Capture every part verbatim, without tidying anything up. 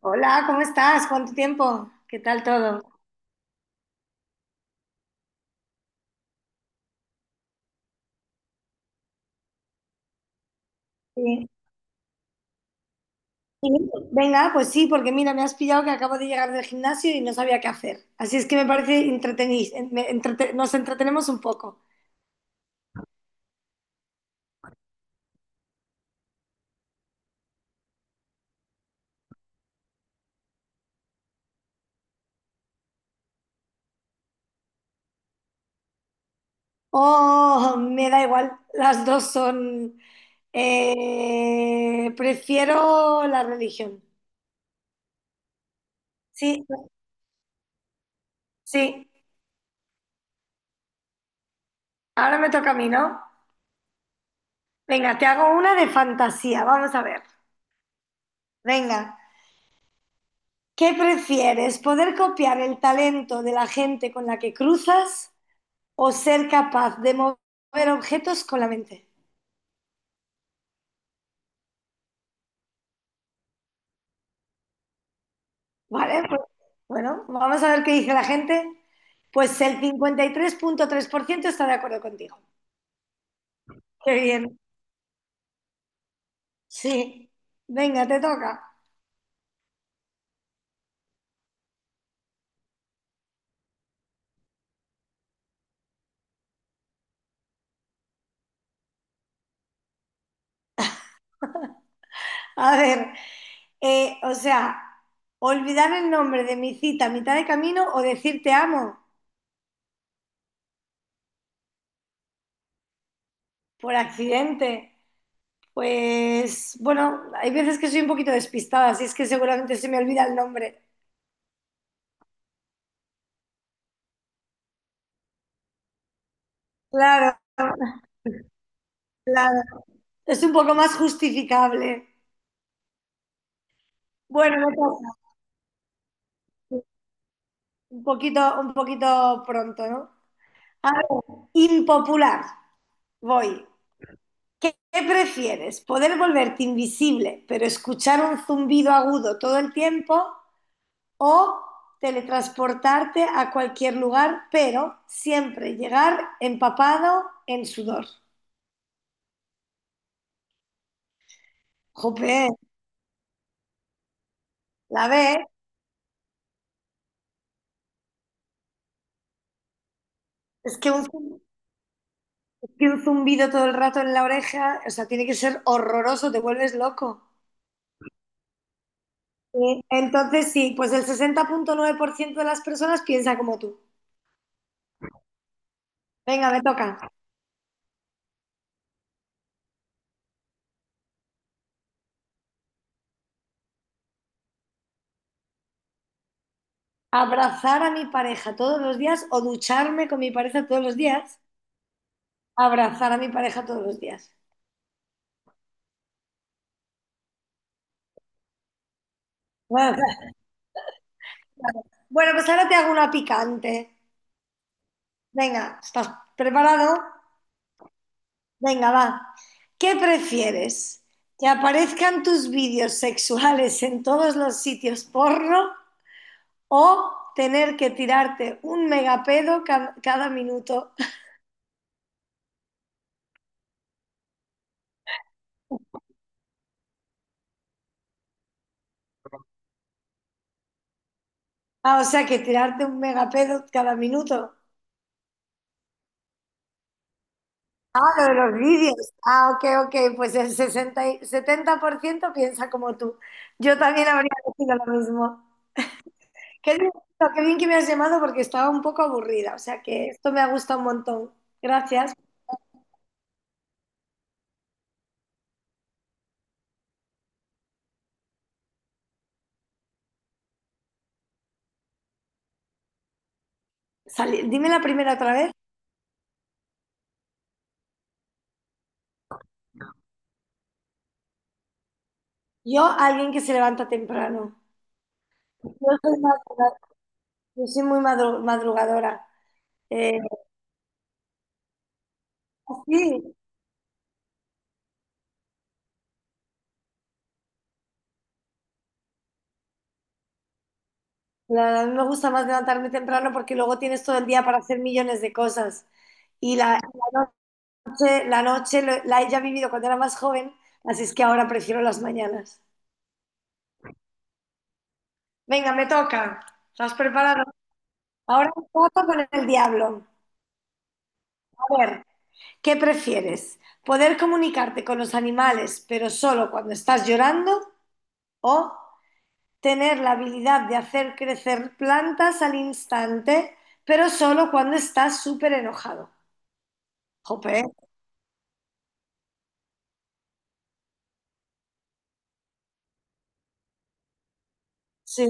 Hola, ¿cómo estás? ¿Cuánto tiempo? ¿Qué tal todo? Sí. Sí, venga, pues sí, porque mira, me has pillado que acabo de llegar del gimnasio y no sabía qué hacer. Así es que me parece entretenís, me entrete- nos entretenemos un poco. Oh, me da igual, las dos son... eh, prefiero la religión. Sí, sí, ahora me toca a mí, ¿no? Venga, te hago una de fantasía, vamos a ver. Venga. ¿Qué prefieres? ¿Poder copiar el talento de la gente con la que cruzas o ser capaz de mover objetos con la mente? Vale, pues, bueno, vamos a ver qué dice la gente. Pues el cincuenta y tres coma tres por ciento está de acuerdo contigo. Qué bien. Sí. Venga, te toca. A ver, eh, o sea, olvidar el nombre de mi cita a mitad de camino o decir te amo por accidente. Pues bueno, hay veces que soy un poquito despistada, así es que seguramente se me olvida el nombre. Claro, claro. Es un poco más justificable. Bueno, no pasa. Un poquito, un poquito pronto, ¿no? A ver, impopular. Voy. ¿Qué, qué prefieres? ¿Poder volverte invisible, pero escuchar un zumbido agudo todo el tiempo? ¿O teletransportarte a cualquier lugar, pero siempre llegar empapado en sudor? Jope. La ves, es que un, zum- es que un zumbido todo el rato en la oreja, o sea, tiene que ser horroroso, te vuelves loco. Sí, entonces sí, pues el sesenta punto nueve por ciento de las personas piensa como tú. Venga, me toca. Abrazar a mi pareja todos los días o ducharme con mi pareja todos los días. Abrazar a mi pareja todos los días. Bueno, pues ahora te hago una picante. Venga, ¿estás preparado? Venga, va. ¿Qué prefieres? ¿Que aparezcan tus vídeos sexuales en todos los sitios porno o tener que tirarte un megapedo ca- cada minuto? Ah, o sea, que tirarte un megapedo cada minuto. Ah, lo de los vídeos. Ah, ok, ok. Pues el sesenta y- setenta por ciento piensa como tú. Yo también habría decidido lo mismo. Qué divertido, qué bien que me has llamado porque estaba un poco aburrida. O sea, que esto me ha gustado un montón. Gracias. Sali- dime la primera otra vez. Yo, alguien que se levanta temprano. Yo soy, madruga- yo soy muy madru- madrugadora. Eh, sí, la- a mí me gusta más levantarme temprano porque luego tienes todo el día para hacer millones de cosas. Y la, la noche, la noche lo- la he ya vivido cuando era más joven, así es que ahora prefiero las mañanas. Venga, me toca. ¿Estás preparado? Ahora un trato con el diablo. A ver, ¿qué prefieres? ¿Poder comunicarte con los animales, pero solo cuando estás llorando? ¿O tener la habilidad de hacer crecer plantas al instante, pero solo cuando estás súper enojado? Jope, sí,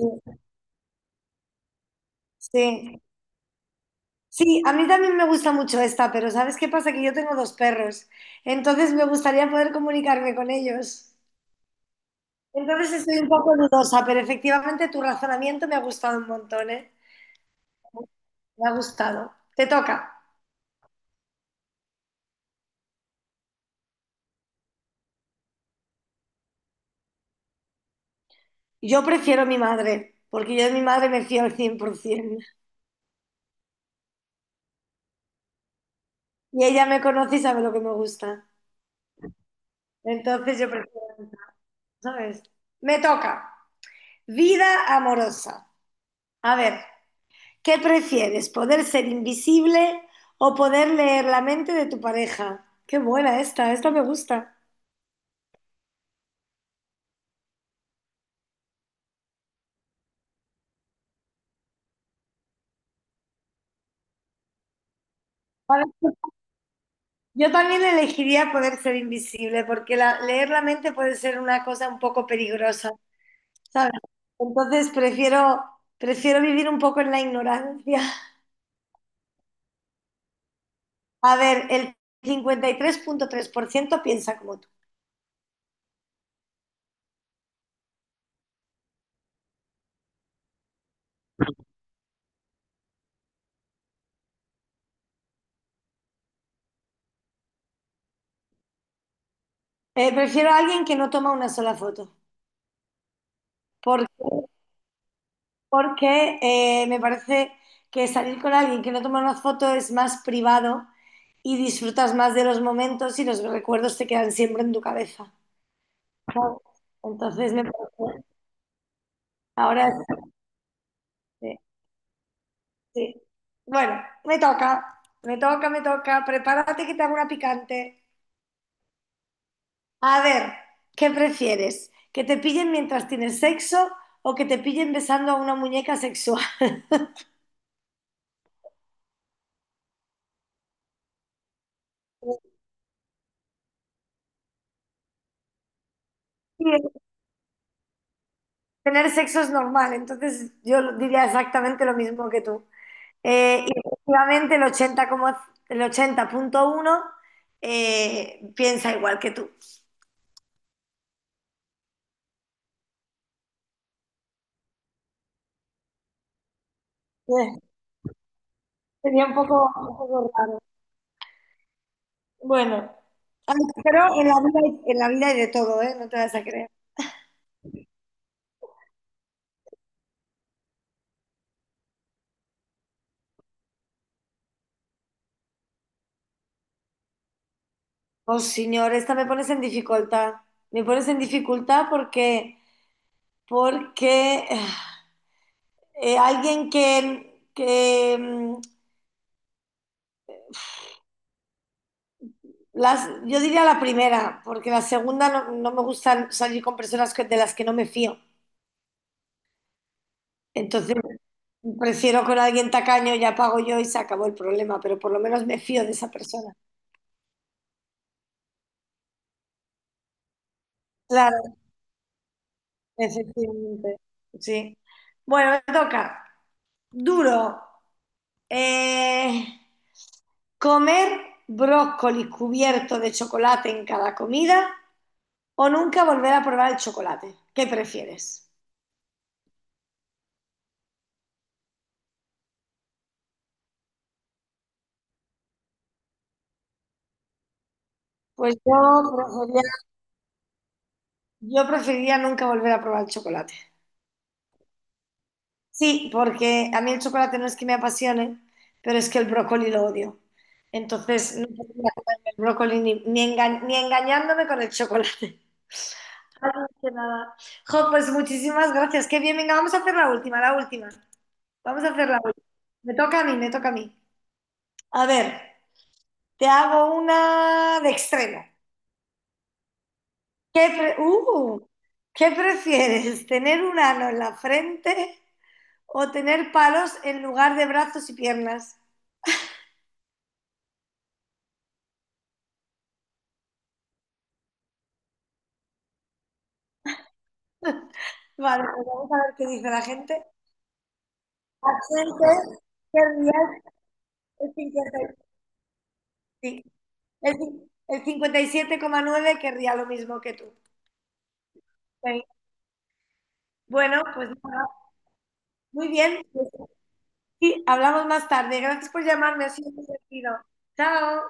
sí. Sí, a mí también me gusta mucho esta, pero ¿sabes qué pasa? Que yo tengo dos perros, entonces me gustaría poder comunicarme con ellos. Entonces estoy un poco dudosa, pero efectivamente tu razonamiento me ha gustado un montón, ¿eh? Me ha gustado. Te toca. Yo prefiero mi madre, porque yo de mi madre me fío al cien por ciento. Y ella me conoce y sabe lo que me gusta. Entonces yo prefiero... ¿Sabes? Me toca. Vida amorosa. A ver, ¿qué prefieres? ¿Poder ser invisible o poder leer la mente de tu pareja? Qué buena esta, esta me gusta. Ahora, yo también elegiría poder ser invisible, porque la- leer la mente puede ser una cosa un poco peligrosa, ¿sabes? Entonces prefiero, prefiero vivir un poco en la ignorancia. A ver, el cincuenta y tres coma tres por ciento piensa como tú. Eh, prefiero a alguien que no toma una sola foto, porque eh, me parece que salir con alguien que no toma una foto es más privado y disfrutas más de los momentos y los recuerdos te quedan siempre en tu cabeza. ¿Sabes? Entonces me parece, ahora sí, sí. Bueno, me toca, me toca, me toca. Prepárate que te hago una picante. A ver, ¿qué prefieres? ¿Que te pillen mientras tienes sexo o que te pillen besando a una muñeca sexual? Sí, tener sexo es normal, entonces yo diría exactamente lo mismo que tú. Eh, y efectivamente el ochenta como- el ochenta punto uno eh, piensa igual que tú. Eh, Sería un poco, un poco raro. Bueno, ay, pero en la vida, hay- en la vida hay de todo, ¿eh? No te vas a creer. Oh, señor, esta me pones en dificultad. Me pones en dificultad porque, porque eh, alguien que, que mm, las, yo diría la primera, porque la segunda no, no me gusta salir con personas que- de las que no me fío. Entonces, prefiero con alguien tacaño, ya pago yo y se acabó el problema, pero por lo menos me fío de esa persona. Claro, efectivamente. Sí. Bueno, me toca. Duro. Eh, comer brócoli cubierto de chocolate en cada comida o nunca volver a probar el chocolate. ¿Qué prefieres? Pues yo preferiría, yo preferiría nunca volver a probar el chocolate. Sí, porque a mí el chocolate no es que me apasione, pero es que el brócoli lo odio. Entonces no podría comerme el brócoli ni, ni enga- ni engañándome con el chocolate. Así que nada. Jo, pues muchísimas gracias. Qué bien, venga, vamos a hacer la última, la última. Vamos a hacer la última. Me toca a mí, me toca a mí. A ver, te hago una de extremo. ¿Qué, pre- uh, ¿Qué prefieres? ¿Tener un ano en la frente o tener palos en lugar de brazos y piernas? Vale, pues vamos a ver qué dice la gente. Absente, querría el cincuenta y siete sí, el cin- el cincuenta y siete coma nueve querría lo mismo que tú. Sí. Bueno, pues nada, muy bien. Sí, hablamos más tarde. Gracias por llamarme, ha sido muy divertido. Chao.